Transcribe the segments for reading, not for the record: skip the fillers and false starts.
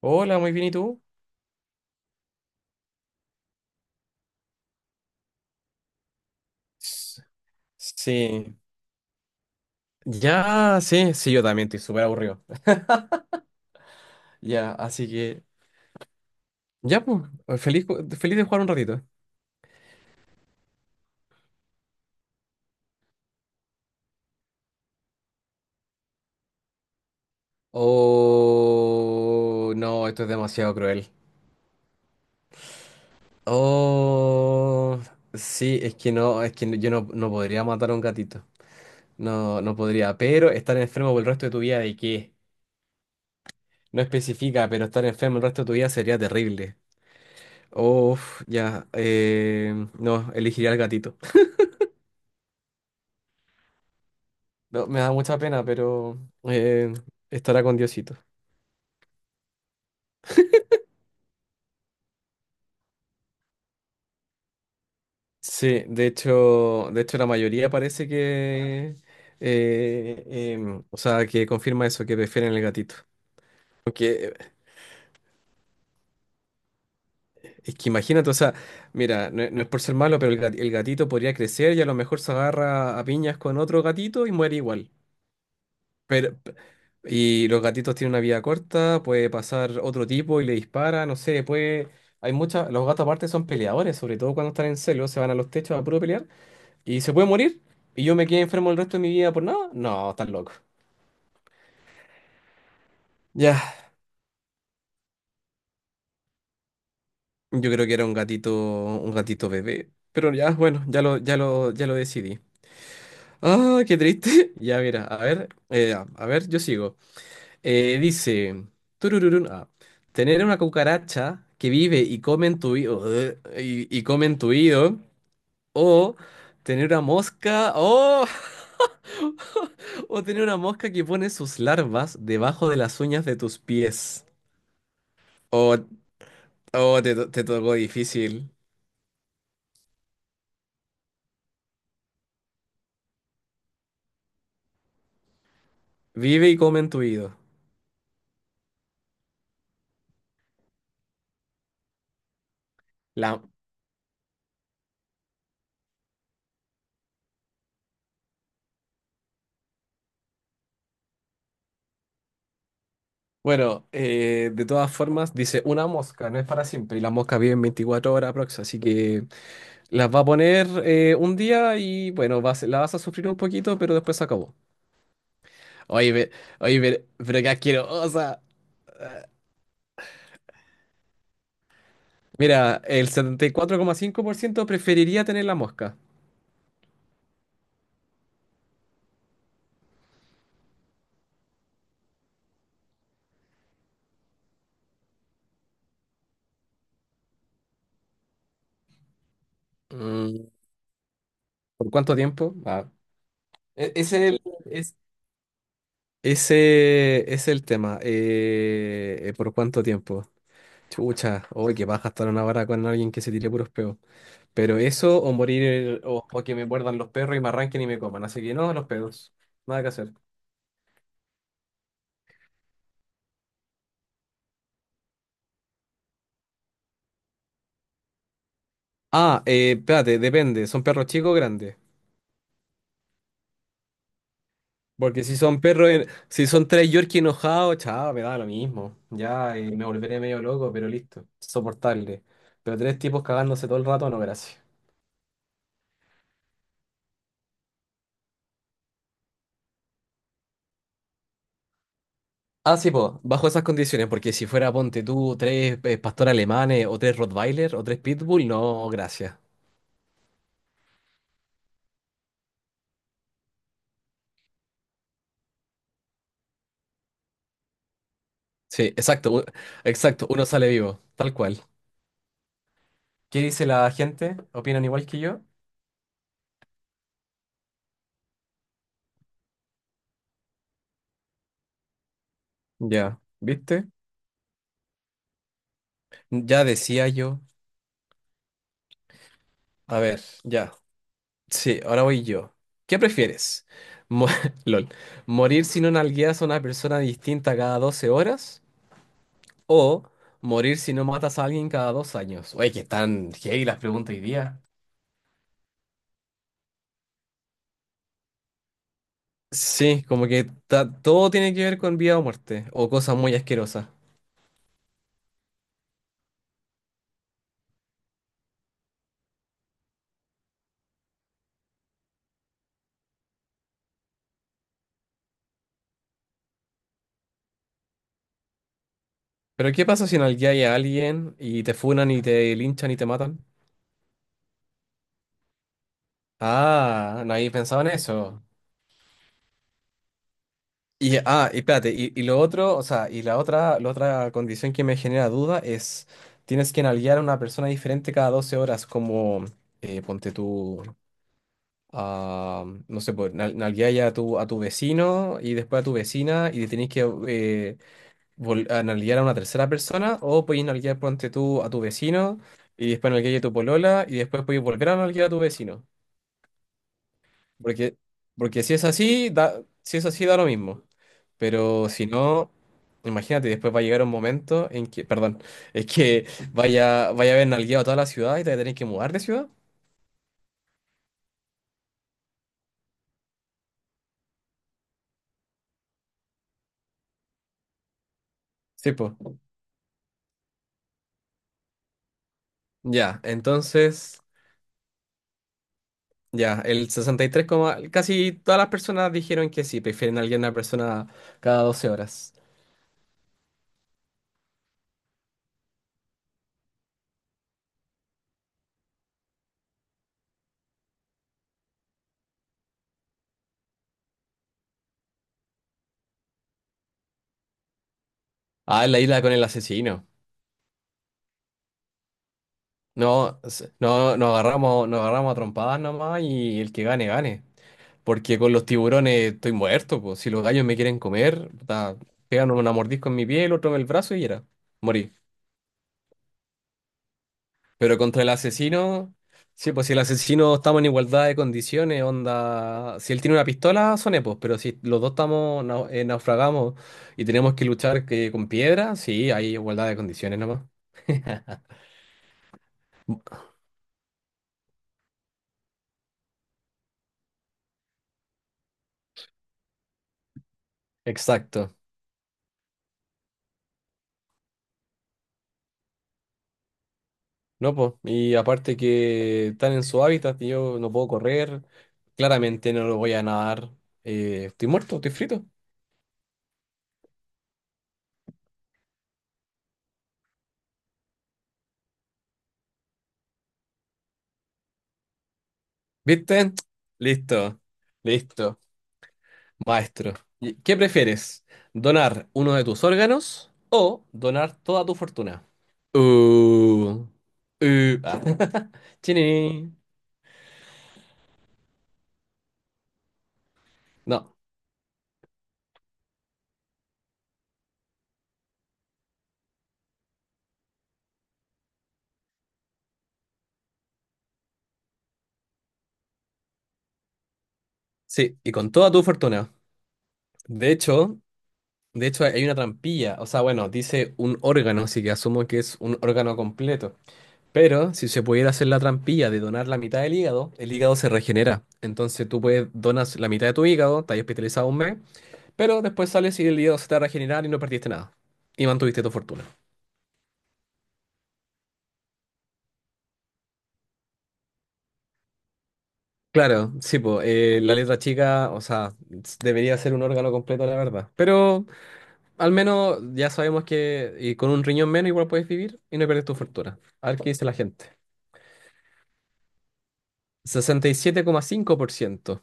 Hola, muy bien, ¿y tú? S- Sí, ya, sí, sí, yo también estoy súper aburrido. Ya, así que, ya, pues, feliz, feliz de jugar un ratito. Oh, no, esto es demasiado cruel. Oh, sí, es que no, es que yo no, no podría matar a un gatito. No, no podría, pero estar enfermo por el resto de tu vida, ¿de qué? No especifica, pero estar enfermo el resto de tu vida sería terrible. Uf, ya, no, elegiría al gatito. No, me da mucha pena, pero eh, estará con Diosito. Sí, de hecho la mayoría parece que, eh, o sea, que confirma eso, que prefieren el gatito. Porque es que imagínate, o sea, mira, no, no es por ser malo, pero el, el gatito podría crecer y a lo mejor se agarra a piñas con otro gatito y muere igual. Pero, y los gatitos tienen una vida corta, puede pasar otro tipo y le dispara, no sé, puede... Hay muchas... Los gatos aparte son peleadores, sobre todo cuando están en celo, se van a los techos a puro pelear y se puede morir y yo me quedé enfermo el resto de mi vida por nada. No, estás loco. Ya, yo creo que era un gatito bebé, pero ya, bueno, ya lo, ya lo, ya lo decidí. Ah, qué triste. Ya, mira, a ver, yo sigo. Dice, turururun, ah, tener una cucaracha que vive y come en tu oído, y come en tu oído, o tener una mosca, oh, o tener una mosca que pone sus larvas debajo de las uñas de tus pies. Oh, oh, te, te tocó difícil. Vive y come en tu oído. La, bueno, de todas formas, dice una mosca, no es para siempre, y las moscas viven 24 horas aprox, así que... Las va a poner un día y bueno, vas, la vas a sufrir un poquito, pero después se acabó. Oye, ve- oye, pero qué asquerosa. Mira, el 74,5% preferiría tener la mosca. Mm, ¿por cuánto tiempo? Ah, e- es el, es- ese es el tema. ¿Por cuánto tiempo? Chucha, oye, que vas a estar 1 hora con alguien que se tire puros peos. Pero eso, o morir, o que me muerdan los perros y me arranquen y me coman. Así que no, los pedos. Nada que hacer. Ah, espérate, depende. ¿Son perros chicos o grandes? Porque si son perros, si son tres Yorkie enojados, chao, me da lo mismo. Ya, me volveré medio loco, pero listo, soportable. Pero tres tipos cagándose todo el rato, no, gracias. Ah, sí, pues, bajo esas condiciones, porque si fuera, ponte tú, tres pastores alemanes, o tres Rottweiler, o tres Pitbull, no, gracias. Sí, exacto, exacto, uno sale vivo, tal cual. ¿Qué dice la gente? ¿Opinan igual que yo? Ya, ¿viste? Ya decía yo. A ver, ya. Sí, ahora voy yo. ¿Qué prefieres? Mo- LOL. ¿Morir si no nalgueas a una persona distinta cada 12 horas? ¿O morir si no matas a alguien cada 2 años? Oye, que están heavy las preguntas hoy día. Sí, como que todo tiene que ver con vida o muerte, o cosas muy asquerosas. Pero ¿qué pasa si nalgueas a alguien y te funan y te linchan y te matan? Ah, nadie pensaba en eso. Y, ah, y espérate, y lo otro, o sea, y la otra condición que me genera duda es, tienes que nalguear a una persona diferente cada 12 horas, como, ponte tú, a, no sé, pues, nalguear ya a tu vecino y después a tu vecina y tenés que eh, a nalguear a una tercera persona, o podés nalguear, ponte tú, a tu vecino y después nalguear a tu polola y después podés volver a nalguear a tu vecino. Porque, porque si es así, da, si es así, da lo mismo. Pero si no, imagínate, después va a llegar un momento en que, perdón, es que vaya, vaya a haber nalgueado toda la ciudad y te vas a tener que mudar de ciudad. Sí, pues. Ya, entonces, ya, el 63, casi todas las personas dijeron que sí, prefieren a alguien a una persona cada 12 horas. Ah, en la isla con el asesino. No, no, nos agarramos a trompadas nomás y el que gane, gane. Porque con los tiburones estoy muerto, pues. Si los gallos me quieren comer, puta, pegan una mordisco en mi piel, otro en el brazo y era. Morí. Pero contra el asesino, sí, pues si el asesino estamos en igualdad de condiciones, onda. Si él tiene una pistola, son epos, pero si los dos estamos, naufragamos y tenemos que luchar que, con piedra, sí, hay igualdad de condiciones nomás. Exacto. No, pues. Y aparte que están en su hábitat y yo no puedo correr, claramente no lo voy a nadar. Estoy muerto, estoy frito. ¿Viste? Listo, listo, maestro. ¿Y ¿qué prefieres? ¿Donar uno de tus órganos o donar toda tu fortuna? Uh, ah. Chini. No, sí, y con toda tu fortuna. De hecho, de hecho hay una trampilla, o sea, bueno, dice un órgano, así que asumo que es un órgano completo. Pero si se pudiera hacer la trampilla de donar la mitad del hígado, el hígado se regenera. Entonces tú puedes donas la mitad de tu hígado, estás hospitalizado un mes. Pero después sales y el hígado se te va a regenerar y no perdiste nada. Y mantuviste tu fortuna. Claro, sí, pues la letra chica, o sea, debería ser un órgano completo, la verdad. Pero al menos ya sabemos que y con un riñón menos igual puedes vivir y no pierdes tu fortuna. A ver qué dice la gente. 67,5%.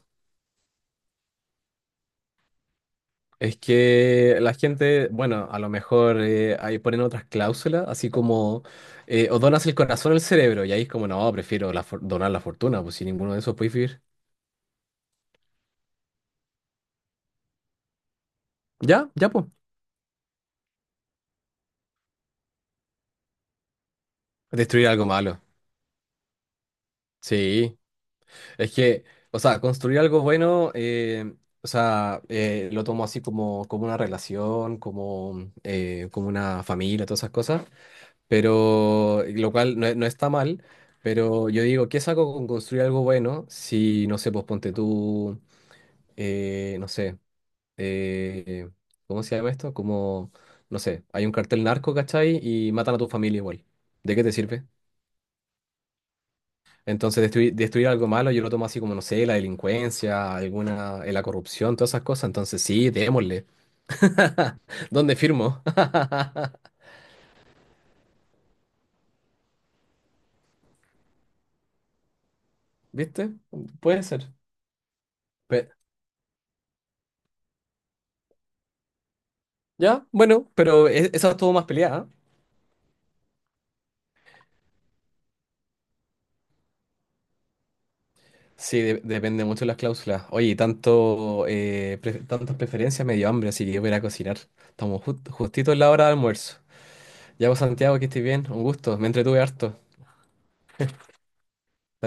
Es que la gente, bueno, a lo mejor ahí ponen otras cláusulas, así como o donas el corazón o el cerebro, y ahí es como, no, prefiero la donar la fortuna, pues sin ninguno de esos puedes vivir. Ya, ya, pues. Destruir algo malo. Sí. Es que, o sea, construir algo bueno, o sea, lo tomo así como, como una relación, como, como una familia, todas esas cosas. Pero, lo cual no, no está mal. Pero yo digo, ¿qué saco con construir algo bueno si, no sé, pues ponte tú, no sé, eh, ¿cómo se llama esto? Como, no sé, hay un cartel narco, ¿cachai? Y matan a tu familia igual. ¿De qué te sirve? Entonces, destruir, destruir algo malo, yo lo tomo así como, no sé, la delincuencia, alguna, la corrupción, todas esas cosas. Entonces, sí, démosle. ¿Dónde firmo? ¿Viste? Puede ser. Pe- ya, bueno, pero esa estuvo más peleada. ¿Eh? Sí, depende mucho de las cláusulas. Oye, y tanto, tantas preferencias me dio hambre, así que yo voy a ir a cocinar. Estamos justito en la hora de almuerzo. Ya, pues, Santiago, que estés bien. Un gusto. Me entretuve harto.